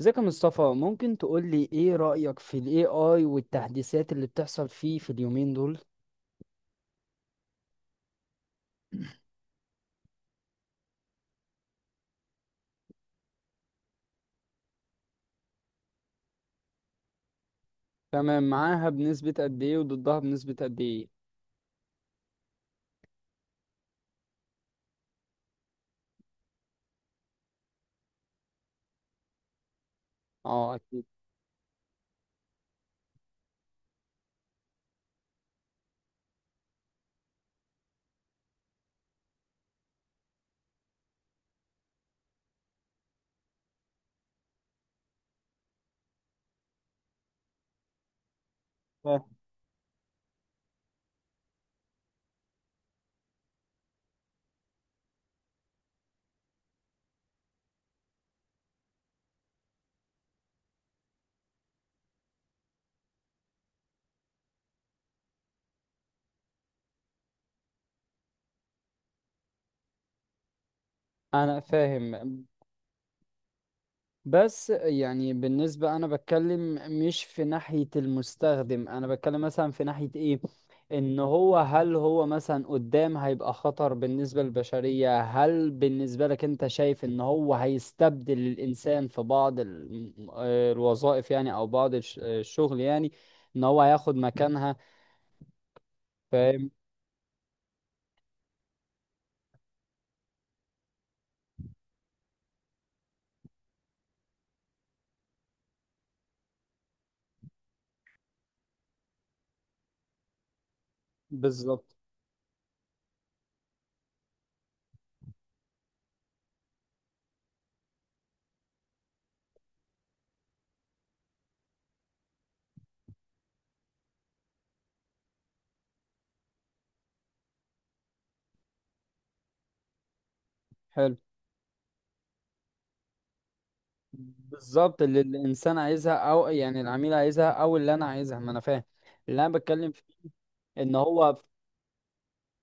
ازيك يا مصطفى؟ ممكن تقول لي ايه رأيك في ال AI والتحديثات اللي بتحصل فيه في اليومين دول؟ تمام، معاها بنسبة قد ايه وضدها بنسبة قد ايه؟ اه اكيد. اه انا فاهم. بس يعني بالنسبة أنا بتكلم، مش في ناحية المستخدم، أنا بتكلم مثلا في ناحية إيه، إن هو هل هو مثلا قدام هيبقى خطر بالنسبة للبشرية؟ هل بالنسبة لك أنت شايف إن هو هيستبدل الإنسان في بعض الوظائف يعني، أو بعض الشغل يعني، إن هو هياخد مكانها؟ فاهم. بالظبط. حلو. بالظبط اللي الإنسان عايزها، أو يعني العميل عايزها، أو اللي أنا عايزها، ما أنا فاهم اللي أنا بتكلم فيه. ان هو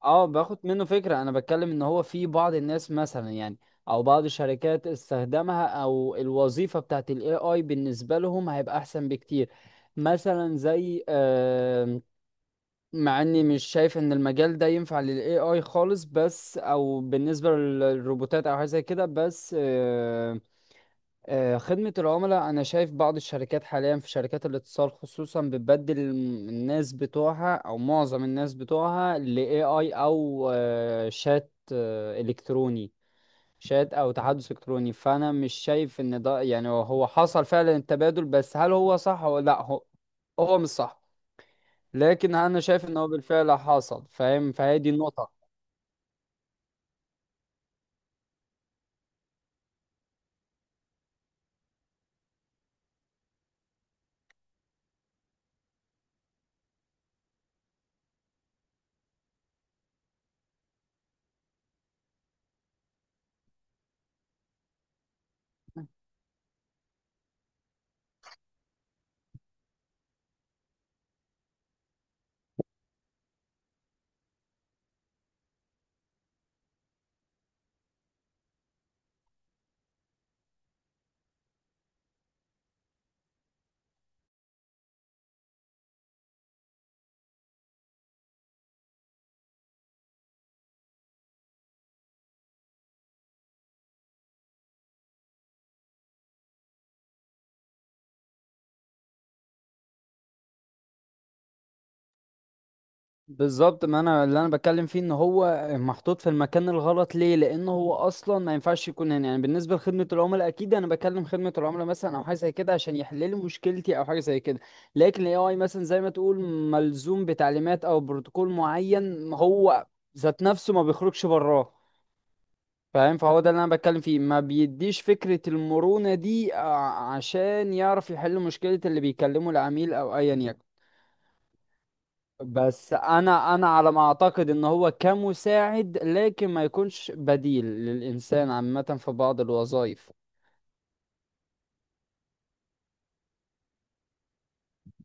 اه، باخد منه فكرة. انا بتكلم ان هو في بعض الناس مثلا يعني، او بعض الشركات استخدمها، او الوظيفة بتاعت الاي اي بالنسبة لهم هيبقى احسن بكتير. مثلا زي مع اني مش شايف ان المجال ده ينفع للاي اي خالص، بس او بالنسبة للروبوتات او حاجة زي كده. بس خدمة العملاء، أنا شايف بعض الشركات حاليا في شركات الاتصال خصوصا بتبدل الناس بتوعها، أو معظم الناس بتوعها، ل AI أو شات إلكتروني، شات أو تحدث إلكتروني. فأنا مش شايف إن ده يعني، هو حصل فعلا التبادل، بس هل هو صح ولا لأ؟ هو مش صح، لكن أنا شايف إن هو بالفعل حصل، فاهم؟ فهي دي النقطة. بالظبط، ما انا اللي انا بتكلم فيه ان هو محطوط في المكان الغلط. ليه؟ لان هو اصلا ما ينفعش يكون هنا، يعني بالنسبه لخدمه العملاء اكيد انا بكلم خدمه العملاء مثلا او حاجه زي كده عشان يحللوا مشكلتي او حاجه زي كده. لكن الاي اي، مثلا زي ما تقول، ملزوم بتعليمات او بروتوكول معين، هو ذات نفسه ما بيخرجش براه، فاهم؟ فهو ده اللي انا بتكلم فيه، ما بيديش فكره المرونه دي عشان يعرف يحل مشكله اللي بيكلمه العميل او ايا يكن. بس انا على ما اعتقد ان هو كمساعد، لكن ما يكونش بديل للانسان عامة في بعض الوظائف.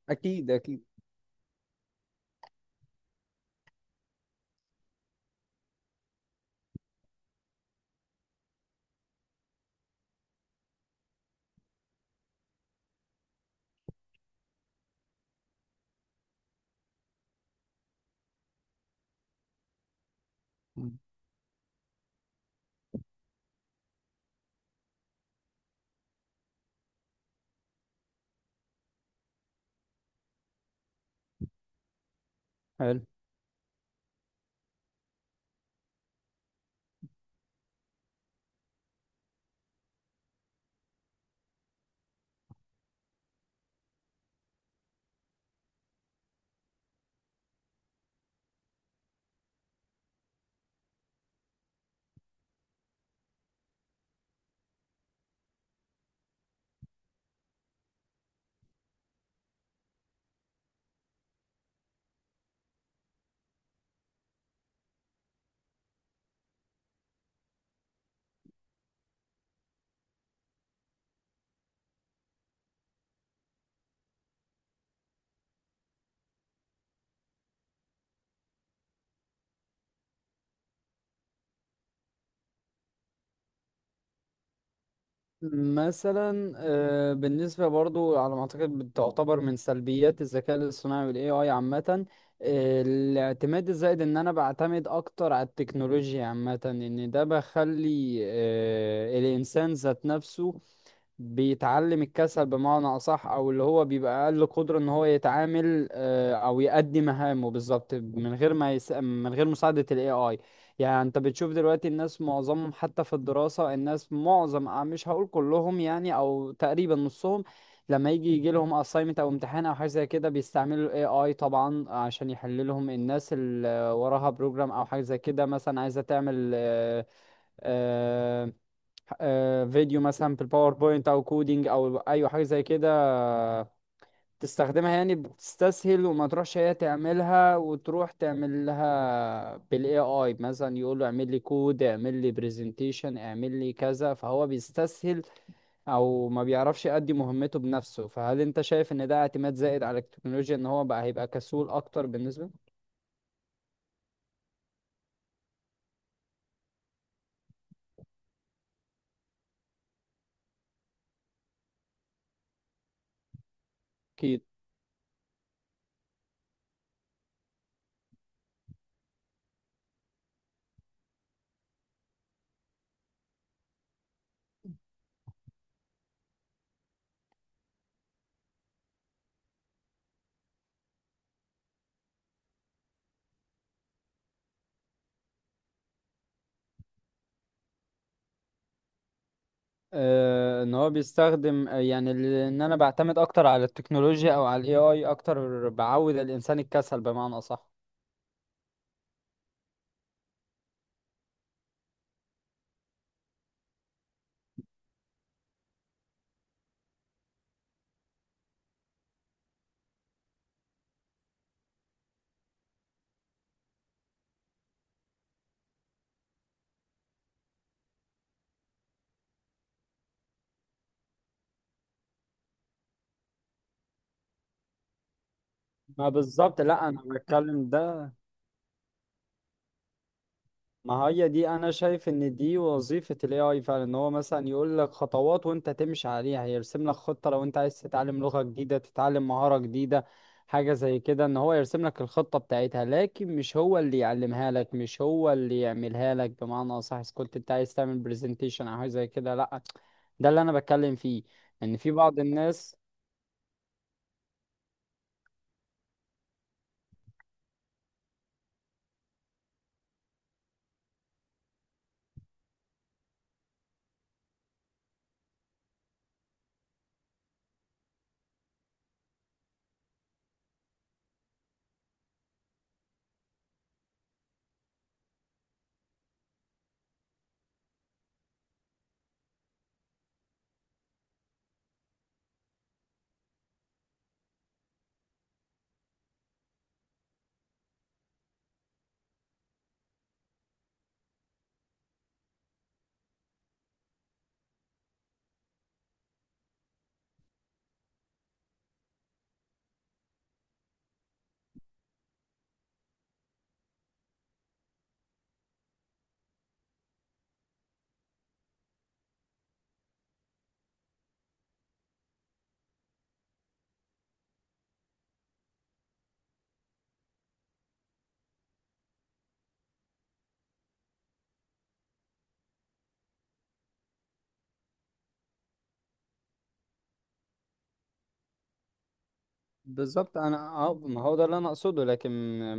اكيد اكيد. مم. حلو. مثلا بالنسبة برضو على ما أعتقد بتعتبر من سلبيات الذكاء الاصطناعي وال AI عامة، الاعتماد الزائد، إن أنا بعتمد أكتر على التكنولوجيا عامة، إن ده بخلي الإنسان ذات نفسه بيتعلم الكسل بمعنى أصح، أو اللي هو بيبقى أقل قدرة إن هو يتعامل أو يأدي مهامه بالظبط من غير ما من غير مساعدة ال AI. يعني أنت بتشوف دلوقتي الناس معظمهم حتى في الدراسة، الناس معظم مش هقول كلهم يعني، أو تقريبا نصهم، لما يجي لهم assignment أو امتحان أو حاجة زي كده، بيستعملوا ال AI طبعا عشان يحل لهم. الناس اللي وراها بروجرام أو حاجة زي كده مثلا، عايزة تعمل آه، فيديو مثلا في الباوربوينت او كودينج او ايوه حاجه زي كده، تستخدمها، يعني بتستسهل وما تروحش هي تعملها، وتروح تعمل لها بالاي اي مثلا، يقول له اعمل لي كود، اعمل لي برزنتيشن، اعمل لي كذا، فهو بيستسهل او ما بيعرفش يأدي مهمته بنفسه. فهل انت شايف ان ده اعتماد زائد على التكنولوجيا، ان هو بقى هيبقى كسول اكتر بالنسبه؟ اكيد. ان هو بيستخدم يعني ان انا بعتمد اكتر على التكنولوجيا او على الاي اي اكتر، بعود الانسان الكسل بمعنى اصح. ما بالظبط. لا انا بتكلم ده. ما هي دي، انا شايف ان دي وظيفة الاي اي فعلا، ان هو مثلا يقول لك خطوات وانت تمشي عليها، يرسم لك خطة لو انت عايز تتعلم لغة جديدة، تتعلم مهارة جديدة حاجة زي كده، ان هو يرسم لك الخطة بتاعتها، لكن مش هو اللي يعلمها لك، مش هو اللي يعملها لك بمعنى اصح، إذا كنت انت عايز تعمل برزنتيشن او حاجة زي كده، لا. ده اللي انا بتكلم فيه، ان في بعض الناس. بالظبط. انا اه، ما هو ده اللي انا اقصده، لكن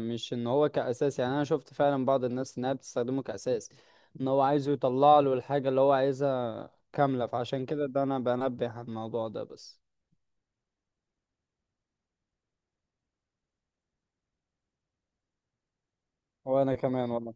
مش ان هو كاساس، يعني انا شفت فعلا بعض الناس انها بتستخدمه كاساس، ان هو عايزه يطلع له الحاجه اللي هو عايزها كامله، فعشان كده ده انا بنبه على الموضوع ده بس. وانا كمان والله.